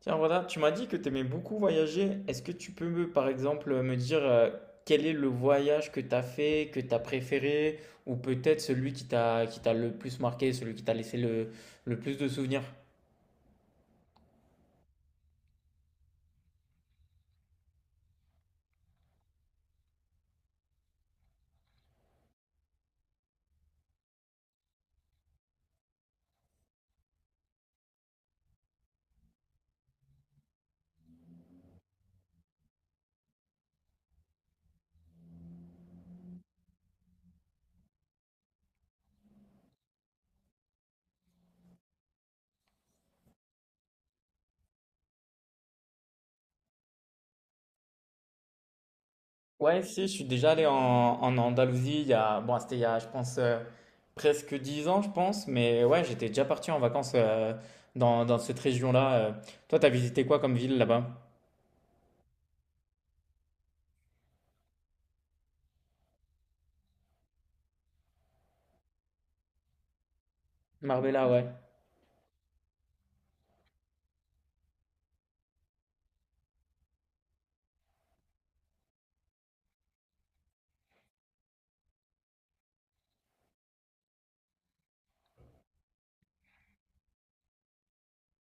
Tiens, voilà, tu m'as dit que tu aimais beaucoup voyager. Est-ce que tu peux, par exemple, me dire quel est le voyage que tu as fait, que tu as préféré, ou peut-être celui qui t'a le plus marqué, celui qui t'a laissé le plus de souvenirs? Ouais, si, je suis déjà allé en Andalousie il y a, bon, c'était il y a, je pense, presque 10 ans, je pense, mais ouais, j'étais déjà parti en vacances dans cette région-là. Toi, t'as visité quoi comme ville là-bas? Marbella, ouais.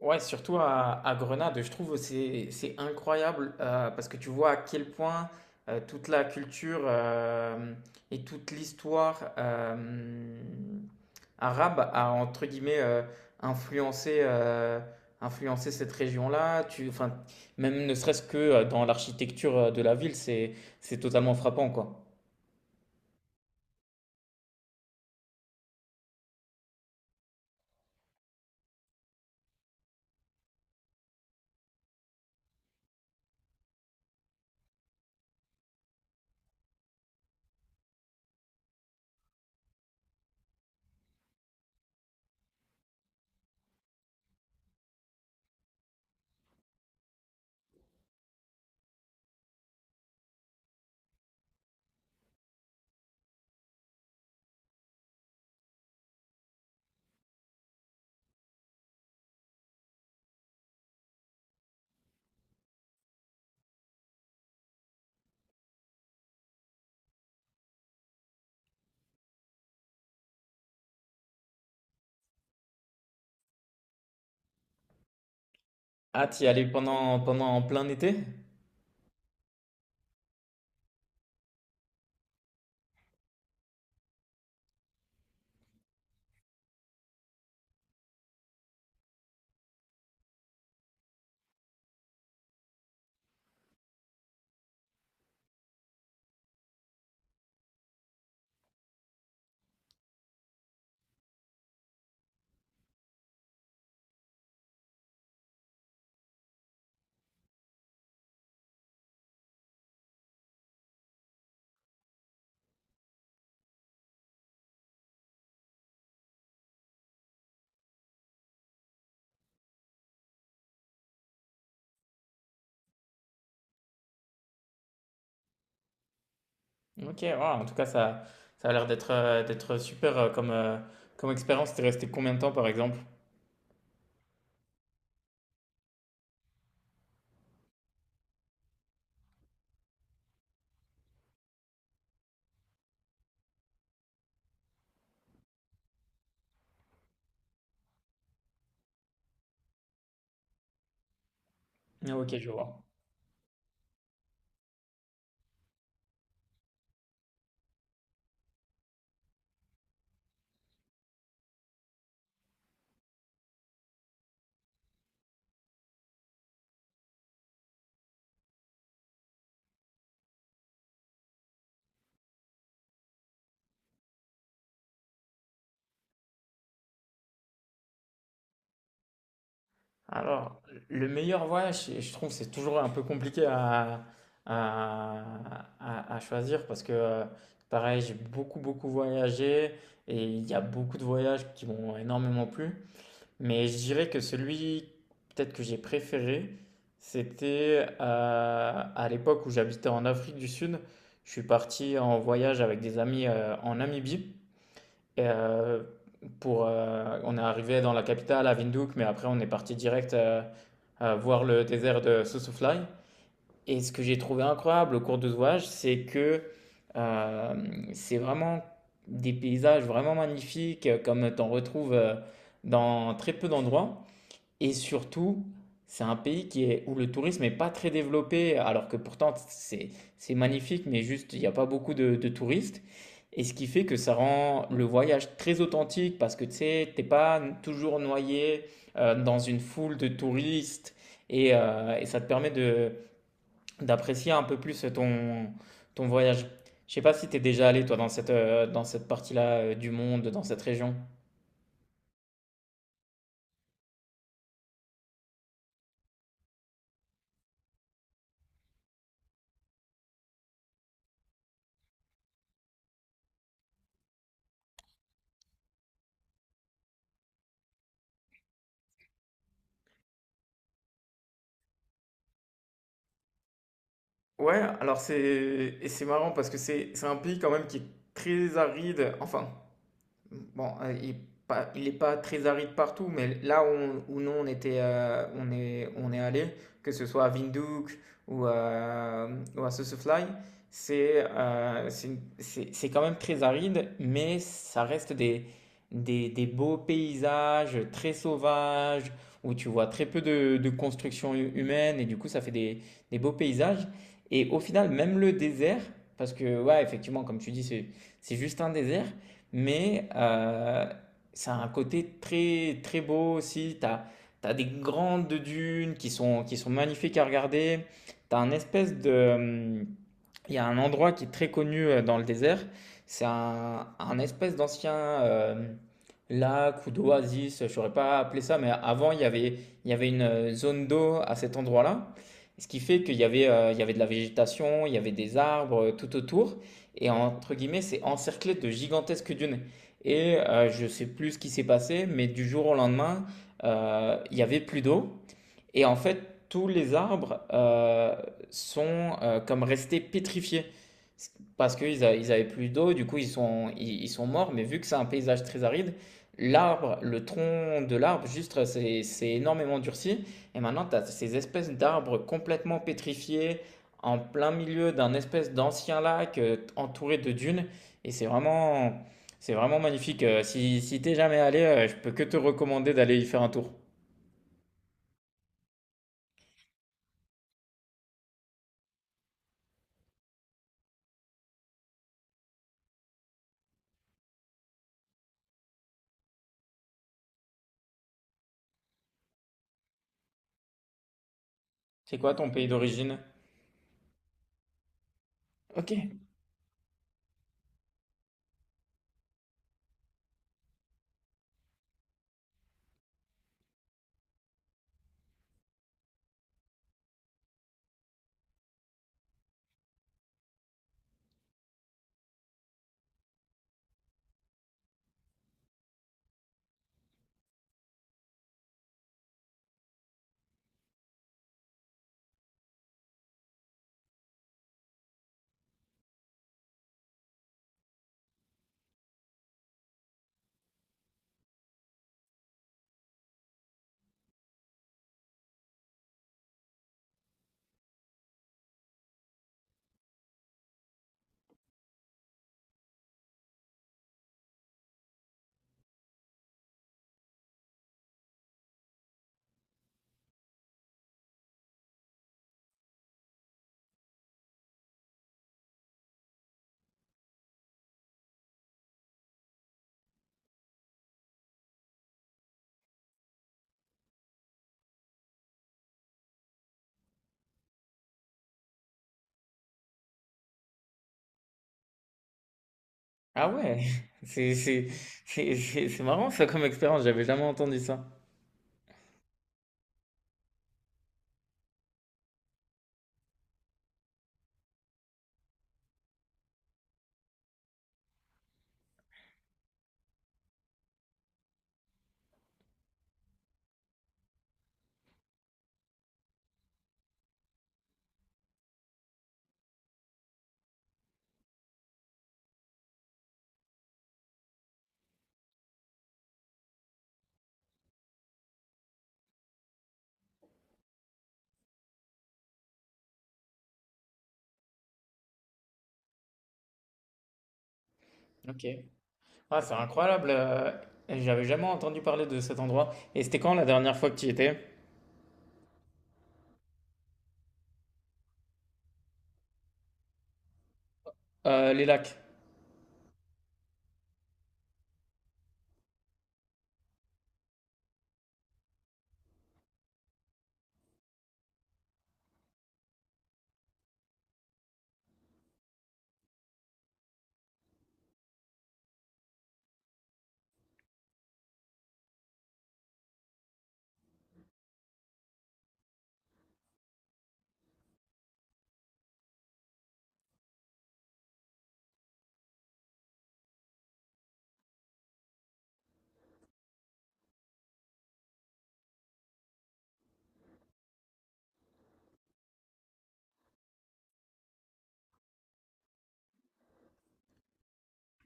Ouais, surtout à Grenade, je trouve c'est incroyable parce que tu vois à quel point toute la culture et toute l'histoire arabe a entre guillemets influencé euh, influencé cette région-là. Enfin, même ne serait-ce que dans l'architecture de la ville, c'est totalement frappant quoi. Ah, t'y allais pendant en plein été? Ok, waouh, en tout cas, ça a l'air d'être super comme expérience. T'es resté combien de temps, par exemple? Ah, Ok, je vois. Alors, le meilleur voyage, je trouve que c'est toujours un peu compliqué à, à choisir parce que, pareil, j'ai beaucoup voyagé et il y a beaucoup de voyages qui m'ont énormément plu. Mais je dirais que celui peut-être que j'ai préféré, c'était à l'époque où j'habitais en Afrique du Sud. Je suis parti en voyage avec des amis en Namibie. Et, on est arrivé dans la capitale, à Windhoek, mais après on est parti direct voir le désert de Sossusvlei. Et ce que j'ai trouvé incroyable au cours de ce voyage, c'est que euh, c'est vraiment des paysages vraiment magnifiques, comme t'en retrouves dans très peu d'endroits. Et surtout, c'est un pays où le tourisme n'est pas très développé, alors que pourtant c'est magnifique, mais juste il n'y a pas beaucoup de touristes. Et ce qui fait que ça rend le voyage très authentique parce que tu sais, t'es pas toujours noyé dans une foule de touristes et ça te permet de d'apprécier un peu plus ton voyage. Je sais pas si t'es déjà allé toi dans dans cette partie-là du monde, dans cette région. Ouais, alors c'est marrant parce que c'est un pays quand même qui est très aride, enfin bon, il n'est pas il est pas très aride partout, mais là où nous on était, on est allé, que ce soit à Windhoek ou à, mmh, ou à Sossusvlei, c'est une c'est quand même très aride, mais ça reste des des beaux paysages très sauvages, où tu vois très peu de construction hu humaine et du coup ça fait des beaux paysages et au final même le désert, parce que ouais effectivement comme tu dis c'est juste un désert, mais ça a un côté très très beau aussi. Tu as des grandes dunes qui sont magnifiques à regarder. Tu as un espèce de... hum, il y a un endroit qui est très connu dans le désert. C'est un espèce d'ancien lac ou d'oasis, je ne saurais pas appeler ça, mais avant, il y avait une zone d'eau à cet endroit-là. Ce qui fait qu'il y avait, il y avait de la végétation, il y avait des arbres tout autour et entre guillemets, c'est encerclé de gigantesques dunes. Et je sais plus ce qui s'est passé, mais du jour au lendemain, il y avait plus d'eau et en fait, tous les arbres sont comme restés pétrifiés parce qu'avaient plus d'eau, du coup ils sont morts. Mais vu que c'est un paysage très aride, le tronc de l'arbre, juste c'est énormément durci. Et maintenant, tu as ces espèces d'arbres complètement pétrifiés en plein milieu d'un espèce d'ancien lac entouré de dunes. Et c'est vraiment magnifique. Si, si t'es jamais allé, je peux que te recommander d'aller y faire un tour. C'est quoi ton pays d'origine? OK. Ah ouais! C'est c'est c'est marrant ça comme expérience, j'avais jamais entendu ça. OK. Ah, c'est incroyable, j'avais jamais entendu parler de cet endroit. Et c'était quand la dernière fois que tu y étais? Les lacs.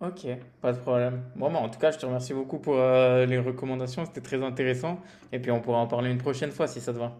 Ok, pas de problème. Bon, bah, en tout cas, je te remercie beaucoup pour les recommandations, c'était très intéressant. Et puis on pourra en parler une prochaine fois si ça te va.